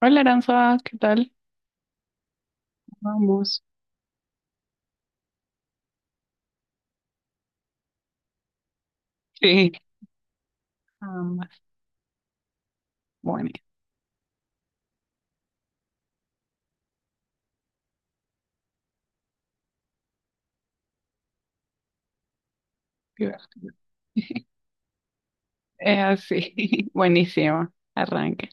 Hola Aranza, ¿qué tal? Ambos. Sí, ambas. Bueno, divertido. Es así, buenísimo. Arranque.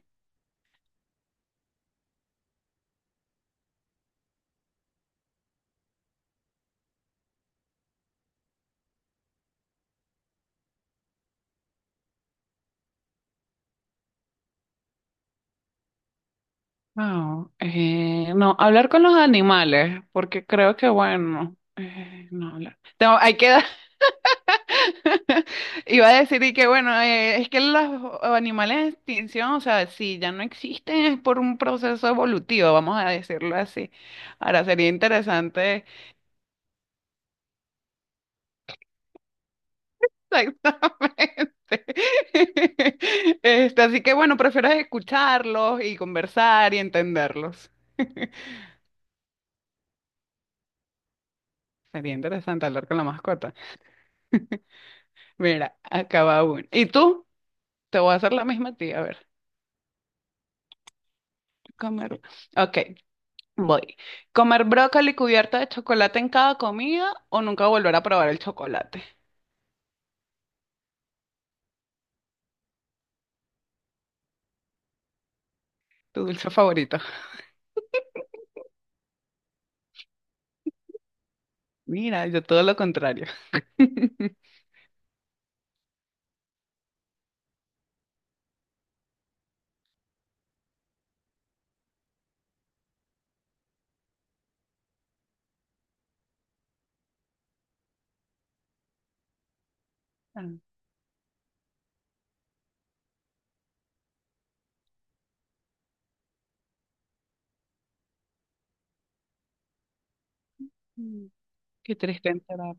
Wow, no, hablar con los animales, porque creo que bueno, no hablar. Hay que dar- Iba a decir y que bueno, es que los animales en extinción, o sea, si ya no existen es por un proceso evolutivo, vamos a decirlo así. Ahora sería interesante. Exactamente. Este, así que bueno, prefiero escucharlos y conversar y entenderlos. Sería interesante hablar con la mascota. Mira, acaba uno. ¿Y tú? Te voy a hacer la misma a ti, a ver. Comer. Ok, voy. ¿Comer brócoli cubierta de chocolate en cada comida o nunca volver a probar el chocolate? Tu dulce favorito. Mira, yo todo lo contrario. Ah, mm. Qué triste enterar.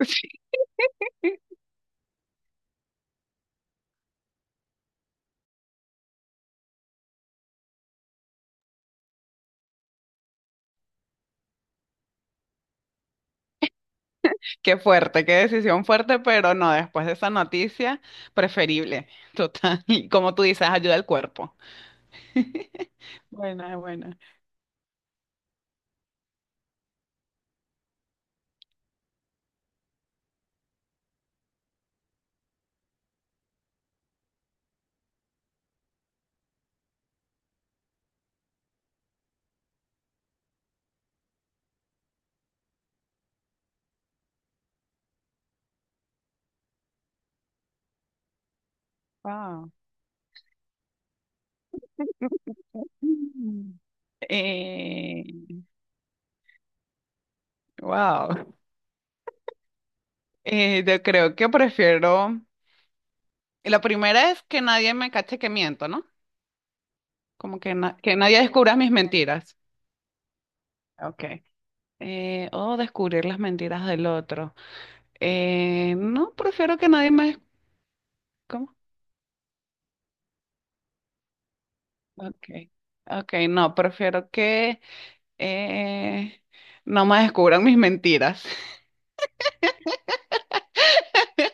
Qué fuerte, qué decisión fuerte, pero no, después de esa noticia, preferible, total. Y como tú dices, ayuda al cuerpo. Buena, buena. Wow. Eh, wow. Yo creo que prefiero. La primera es que nadie me cache que miento, ¿no? Como que, que nadie descubra mis mentiras. Ok. O descubrir las mentiras del otro. No, prefiero que nadie me... ¿Cómo? Ok. Ok, no, prefiero que Eh, no me descubran mis mentiras.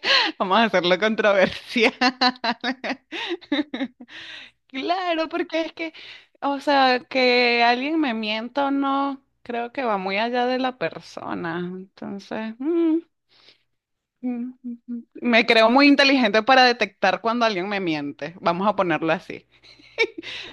Vamos a hacerlo controversial. Claro, porque es que, o sea, que alguien me mienta o no, creo que va muy allá de la persona. Entonces, mm. me creo muy inteligente para detectar cuando alguien me miente. Vamos a ponerlo así.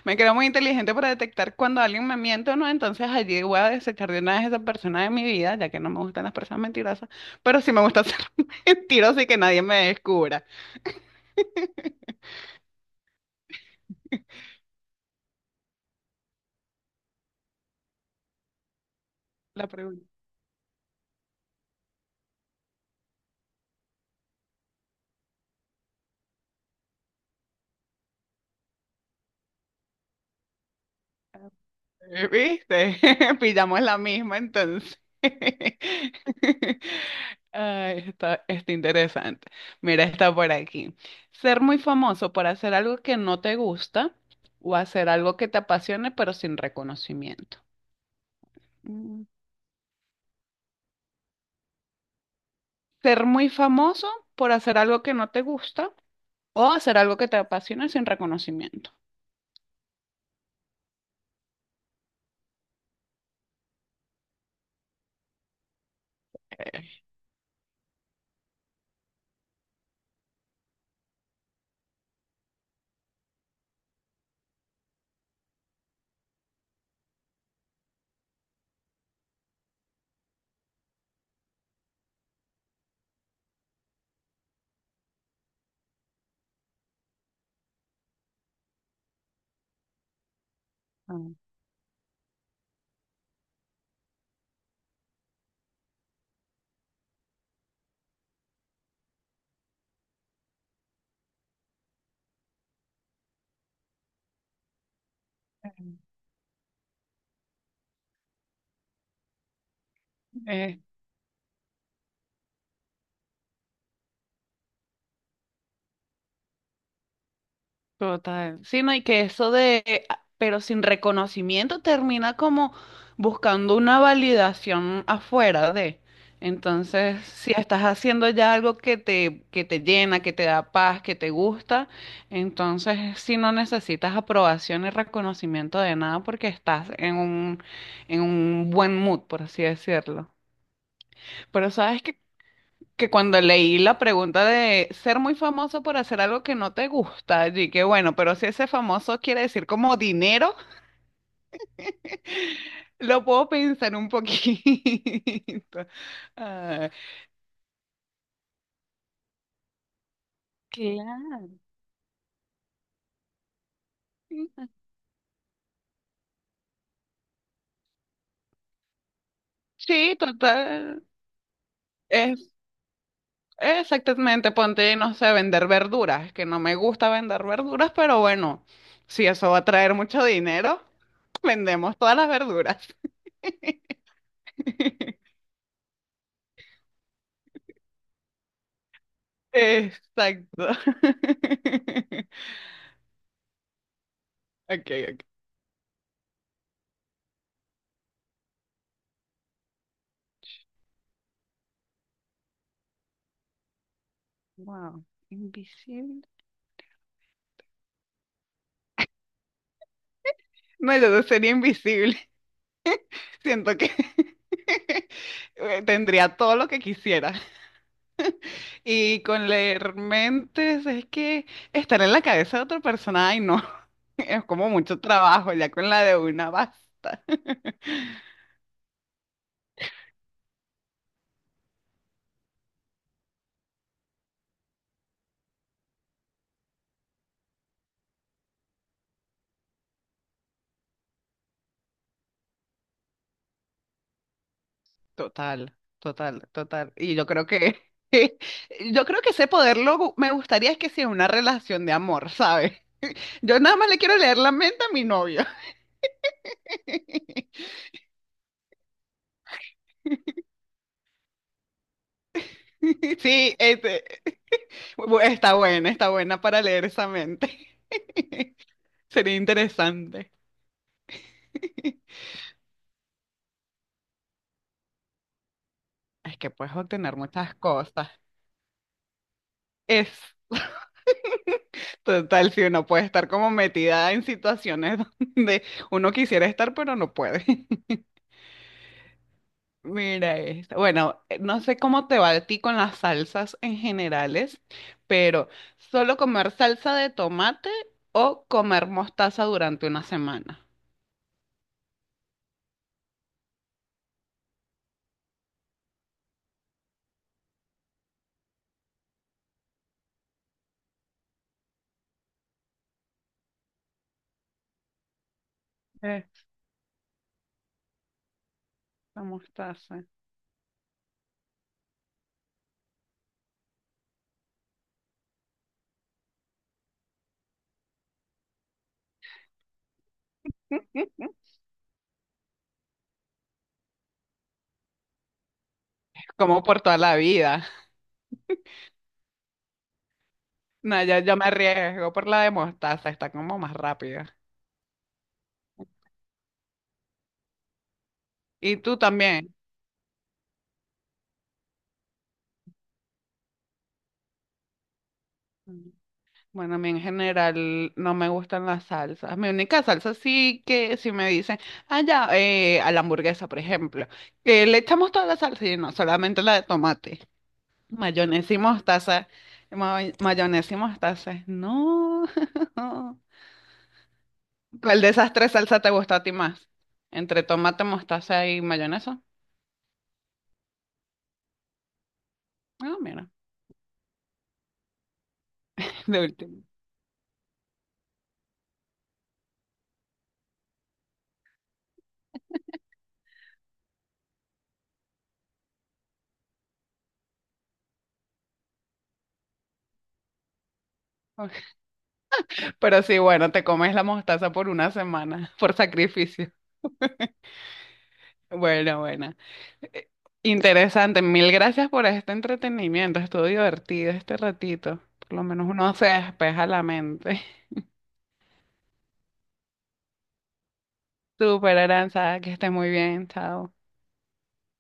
Me creo muy inteligente para detectar cuando alguien me miente o no, entonces allí voy a desechar de una vez a esa persona de mi vida, ya que no me gustan las personas mentirosas, pero sí me gusta ser mentirosa y que nadie me descubra. La pregunta, es, ¿viste? Pillamos la misma, entonces. Ay, está, está interesante. Mira, está por aquí. Ser muy famoso por hacer algo que no te gusta o hacer algo que te apasione, pero sin reconocimiento. Mm. Ser muy famoso por hacer algo que no te gusta o hacer algo que te apasiona sin reconocimiento. Ah. Eh, total. Sí, no, y que eso de, pero sin reconocimiento termina como buscando una validación afuera de. Entonces, si estás haciendo ya algo que te llena, que te da paz, que te gusta, entonces sí no necesitas aprobación y reconocimiento de nada porque estás en un buen mood, por así decirlo. Pero sabes que cuando leí la pregunta de ser muy famoso por hacer algo que no te gusta, y que bueno, pero si ese famoso quiere decir como dinero, lo puedo pensar un poquito. Ah, Claro. sí, total. Es, exactamente, ponte, no sé, vender verduras, que no me gusta vender verduras, pero bueno, si eso va a traer mucho dinero, vendemos todas las verduras. Exacto. Ok, ok. Wow. Invisible. No, yo no sería invisible. Siento que tendría todo lo que quisiera. Y con leer mentes es que estar en la cabeza de otra persona, ay no, es como mucho trabajo, ya con la de una basta. Total, total, total. Y yo creo que, yo creo que ese poder lo, me gustaría es que sea una relación de amor, ¿sabes? Yo nada más le quiero leer la mente a mi novio. Sí, este, está buena para leer esa mente. Sería interesante. Es que puedes obtener muchas cosas. Es total, si uno puede estar como metida en situaciones donde uno quisiera estar, pero no puede. Mira esto. Bueno, no sé cómo te va a ti con las salsas en generales, pero ¿solo comer salsa de tomate o comer mostaza durante una semana? Esta mostaza. Como por toda la vida. No, yo me arriesgo por la de mostaza, está como más rápida. ¿Y tú también? Bueno, a mí en general no me gustan las salsas. Mi única salsa sí que si me dicen, ah, ya, a la hamburguesa, por ejemplo, que le echamos toda la salsa y no, solamente la de tomate. Mayonesa y mostaza. Mayonesa y mostaza. No. ¿Cuál de esas tres salsas te gusta a ti más? Entre tomate, mostaza y mayonesa. Ah, mira, de último. Pero sí, bueno, te comes la mostaza por una semana, por sacrificio. Bueno, bueno. Eh, Interesante, mil gracias por este entretenimiento, estuvo divertido este ratito, por lo menos uno se despeja la mente. Súper, Aranza, que estés muy bien, chao.